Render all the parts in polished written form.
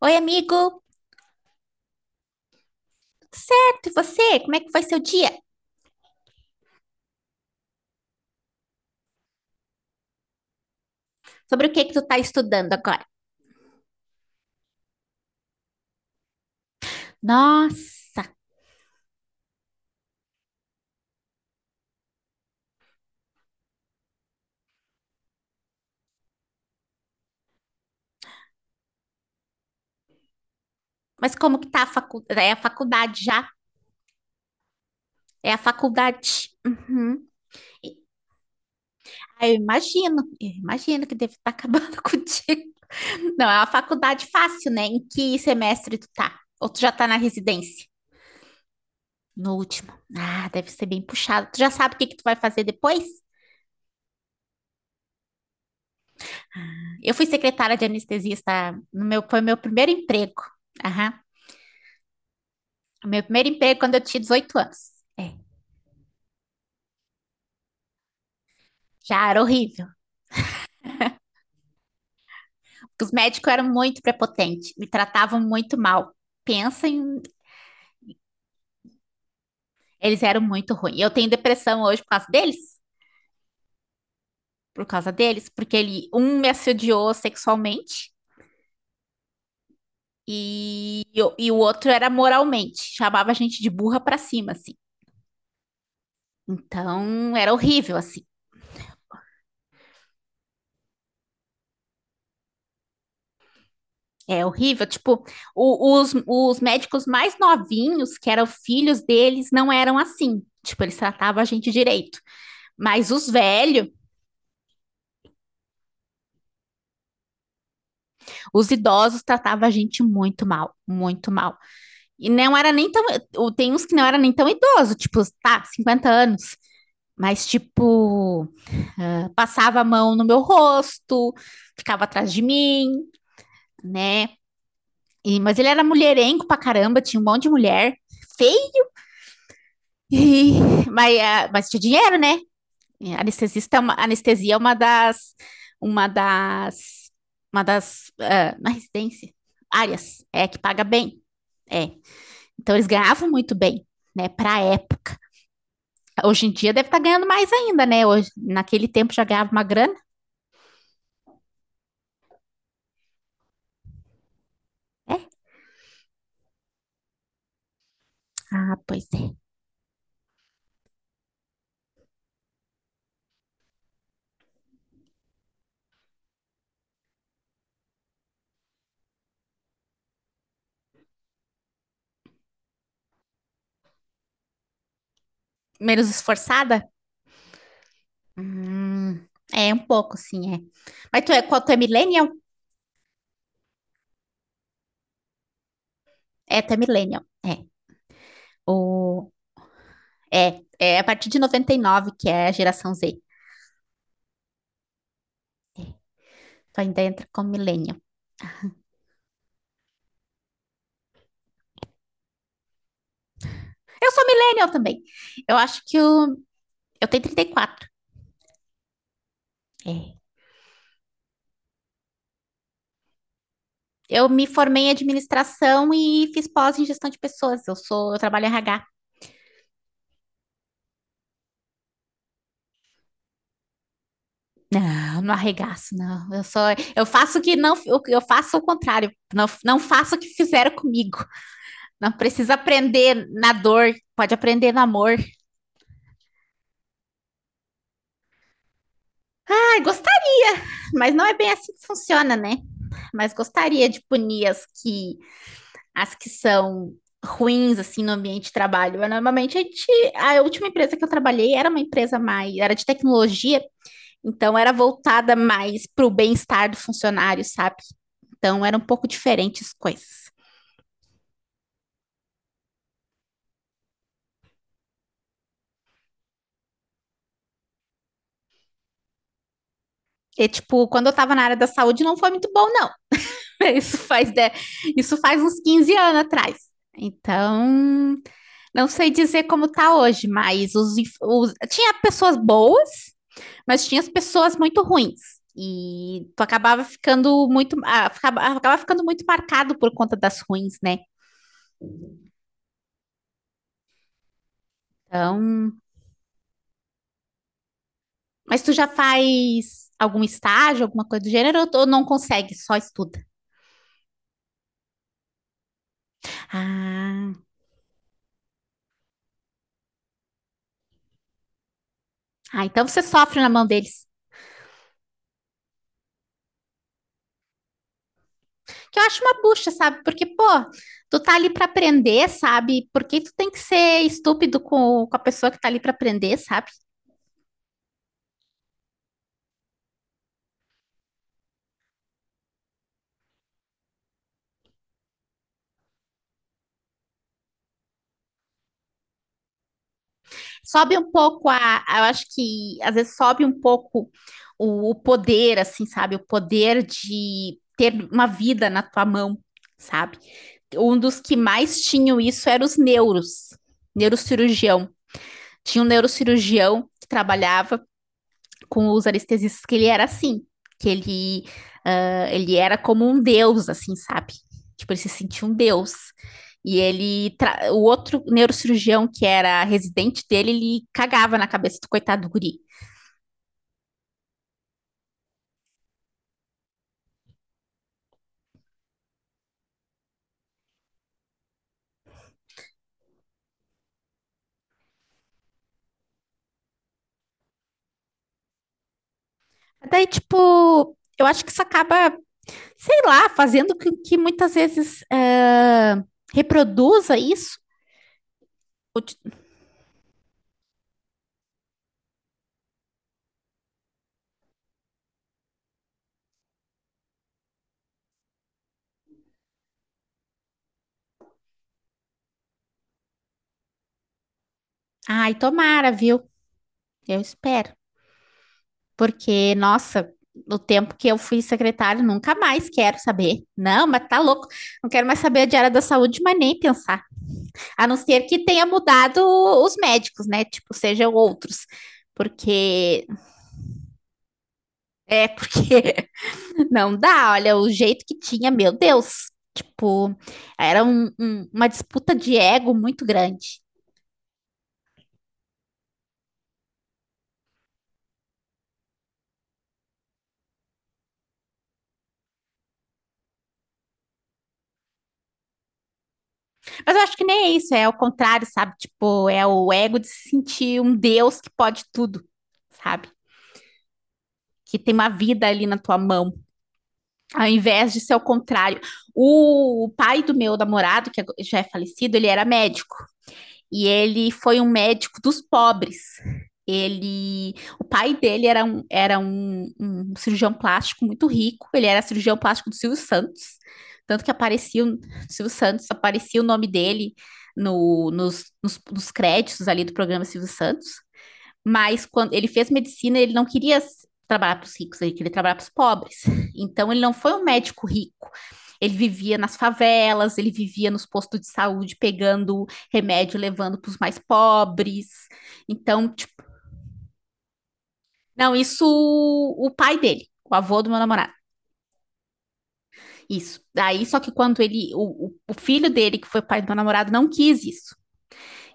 Oi, amigo, tudo certo? E você? Como é que foi seu dia? Sobre o que que tu tá estudando agora? Nossa, mas como que tá a faculdade? É a faculdade já? É a faculdade. Uhum. E- ah, eu imagino que deve estar acabando contigo. Não, é uma faculdade fácil, né? Em que semestre tu tá? Ou tu já tá na residência? No último. Ah, deve ser bem puxado. Tu já sabe o que que tu vai fazer depois? Eu fui secretária de anestesista no meu, foi meu primeiro emprego. Aham. O Meu primeiro emprego é quando eu tinha 18 anos. É, já era horrível. Os médicos eram muito prepotentes, me tratavam muito mal. Pensa em. Eles eram muito ruins. Eu tenho depressão hoje por causa deles. Por causa deles, porque ele, um me assediou sexualmente e, e o outro era moralmente. Chamava a gente de burra pra cima, assim. Então, era horrível, assim. É horrível. Tipo, os médicos mais novinhos, que eram filhos deles, não eram assim. Tipo, eles tratavam a gente direito. Mas os velhos, os idosos tratavam a gente muito mal, muito mal. E não era nem tão. Tem uns que não era nem tão idoso, tipo, tá, 50 anos. Mas, tipo, passava a mão no meu rosto, ficava atrás de mim, né? E, mas ele era mulherengo pra caramba, tinha um monte de mulher, feio, e, mas tinha dinheiro, né? É, anestesia é uma das, uma das, na residência, áreas, é, que paga bem, é. Então eles ganhavam muito bem, né, pra época. Hoje em dia deve estar ganhando mais ainda, né, hoje, naquele tempo já ganhava uma grana, é? Ah, pois é. Menos esforçada? Hum, é, um pouco, sim, é. Mas tu é, qual, tu é millennial? É, tu é millennial, é. O, é a partir de 99 que é a geração Z. Tu ainda entra como millennial. Eu sou millennial também. Eu acho que eu tenho 34. É. Eu me formei em administração e fiz pós em gestão de pessoas. Eu trabalho em RH. Não, não arregaço, não. Eu faço o que não, eu faço o contrário. Não, não faço o que fizeram comigo. Não precisa aprender na dor, pode aprender no amor. Ai, gostaria, mas não é bem assim que funciona, né? Mas gostaria de punir as que são ruins assim no ambiente de trabalho. Mas, normalmente a última empresa que eu trabalhei era uma empresa mais, era de tecnologia, então era voltada mais para o bem-estar do funcionário, sabe? Então era um pouco diferente as coisas. E, tipo, quando eu tava na área da saúde não foi muito bom, não. Isso faz, de- isso faz uns 15 anos atrás. Então, não sei dizer como tá hoje, mas tinha pessoas boas, mas tinha as pessoas muito ruins. E tu acabava ficando muito marcado por conta das ruins, né? Então, mas tu já faz algum estágio, alguma coisa do gênero, ou não consegue, só estuda? Ah, ah, então você sofre na mão deles. Que eu acho uma bucha, sabe? Porque, pô, tu tá ali pra aprender, sabe? Por que tu tem que ser estúpido com a pessoa que tá ali pra aprender, sabe? Sobe um pouco eu acho que às vezes sobe um pouco o poder, assim, sabe? O poder de ter uma vida na tua mão, sabe? Um dos que mais tinham isso eram os neurocirurgião. Tinha um neurocirurgião que trabalhava com os anestesistas que ele era assim, que ele, ele era como um deus, assim, sabe? Tipo, ele se sentia um deus. O outro neurocirurgião que era residente dele, ele cagava na cabeça do coitado do guri. Daí, tipo, eu acho que isso acaba, sei lá, fazendo com que muitas vezes reproduza isso. Ai, tomara, viu? Eu espero. Porque, nossa, no tempo que eu fui secretária, nunca mais quero saber. Não, mas tá louco. Não quero mais saber de área da saúde, mas nem pensar. A não ser que tenha mudado os médicos, né? Tipo, sejam outros. Porque porque não dá, olha, o jeito que tinha, meu Deus. Tipo, era uma disputa de ego muito grande. Mas eu acho que nem é isso, é o contrário, sabe? Tipo, é o ego de se sentir um Deus que pode tudo, sabe? Que tem uma vida ali na tua mão, ao invés de ser o contrário. O pai do meu namorado, que já é falecido, ele era médico e ele foi um médico dos pobres. Ele, o pai dele era um cirurgião plástico muito rico, ele era cirurgião plástico do Silvio Santos, tanto que aparecia aparecia o nome dele no, nos, nos, nos créditos ali do programa Silvio Santos. Mas quando ele fez medicina, ele não queria trabalhar para os ricos, ele queria trabalhar para os pobres. Então ele não foi um médico rico. Ele vivia nas favelas, ele vivia nos postos de saúde pegando remédio, e levando para os mais pobres. Então, tipo, não, isso o pai dele, o avô do meu namorado. Isso. Daí, só que quando ele, o filho dele, que foi pai do meu namorado, não quis isso.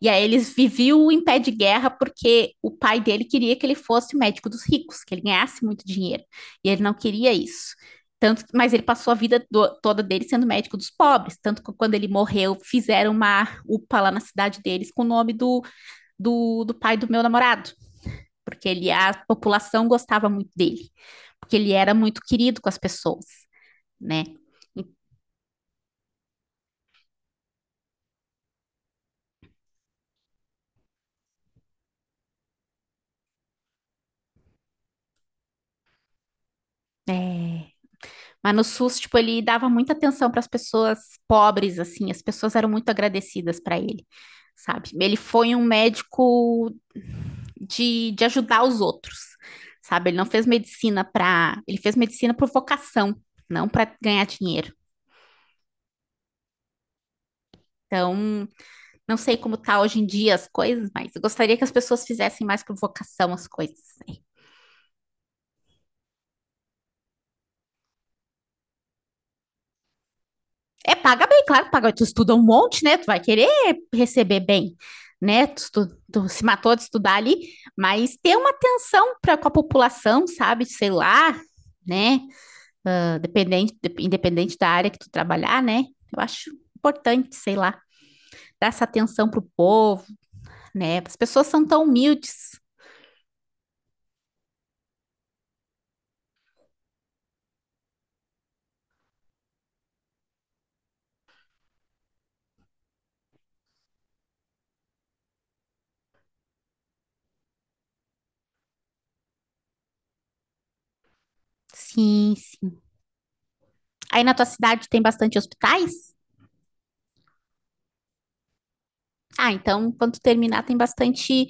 E aí eles viviam em pé de guerra porque o pai dele queria que ele fosse médico dos ricos, que ele ganhasse muito dinheiro. E ele não queria isso. Tanto, mas ele passou a vida toda dele sendo médico dos pobres. Tanto que quando ele morreu, fizeram uma UPA lá na cidade deles com o nome do pai do meu namorado. Porque ele, a população gostava muito dele. Porque ele era muito querido com as pessoas, né? É, mas no SUS, tipo, ele dava muita atenção para as pessoas pobres, assim, as pessoas eram muito agradecidas para ele, sabe? Ele foi um médico de ajudar os outros, sabe? Ele não fez medicina por vocação, não para ganhar dinheiro. Então, não sei como tá hoje em dia as coisas, mas eu gostaria que as pessoas fizessem mais por vocação as coisas. É, paga bem, claro que paga. Tu estuda um monte, né? Tu vai querer receber bem, né? Tu se matou de estudar ali, mas ter uma atenção para com a população, sabe? Sei lá, né? Ah, independente da área que tu trabalhar, né? Eu acho importante, sei lá, dar essa atenção pro povo, né? As pessoas são tão humildes. Sim, sim. Aí na tua cidade tem bastante hospitais? Ah, então quando tu terminar tem bastante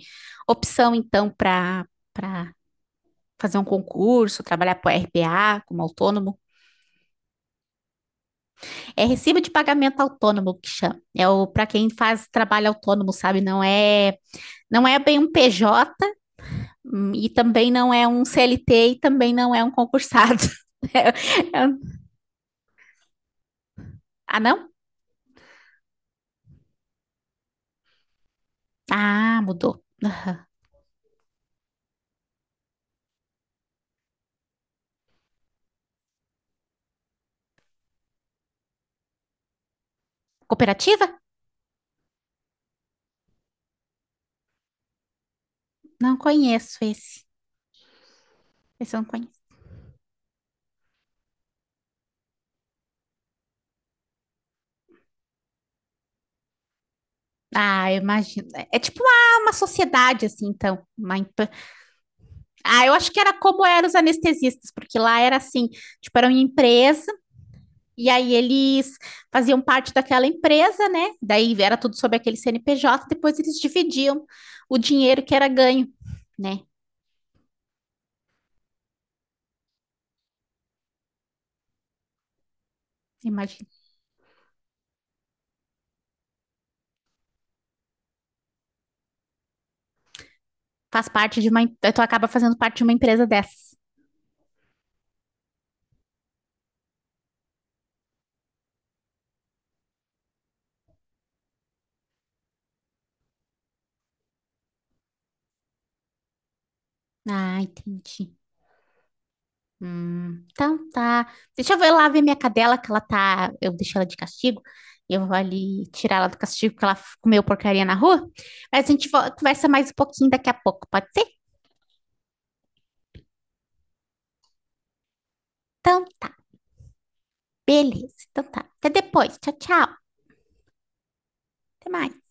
opção então para fazer um concurso, trabalhar para RPA como autônomo. É recibo de pagamento autônomo que chama. É o para quem faz trabalho autônomo, sabe? Não é bem um PJ e também não é um CLT e também não é um concursado. É, é um- ah, não? Ah, mudou. Cooperativa? Não conheço esse. Esse eu não conheço. Ah, eu imagino. É tipo uma sociedade, assim, então. Uma Ah, eu acho que era como eram os anestesistas, porque lá era assim, tipo, era uma empresa. E aí eles faziam parte daquela empresa, né? Daí era tudo sobre aquele CNPJ, depois eles dividiam o dinheiro que era ganho, né? Imagina. Faz parte de uma. Tu acaba fazendo parte de uma empresa dessas. Ah, entendi. Então tá. Deixa eu ver lá ver minha cadela, que ela tá. Eu deixei ela de castigo. Eu vou ali tirar ela do castigo, porque ela comeu porcaria na rua. Mas a gente conversa mais um pouquinho daqui a pouco, pode ser? Então tá. Beleza. Então tá. Até depois. Tchau, tchau. Até mais.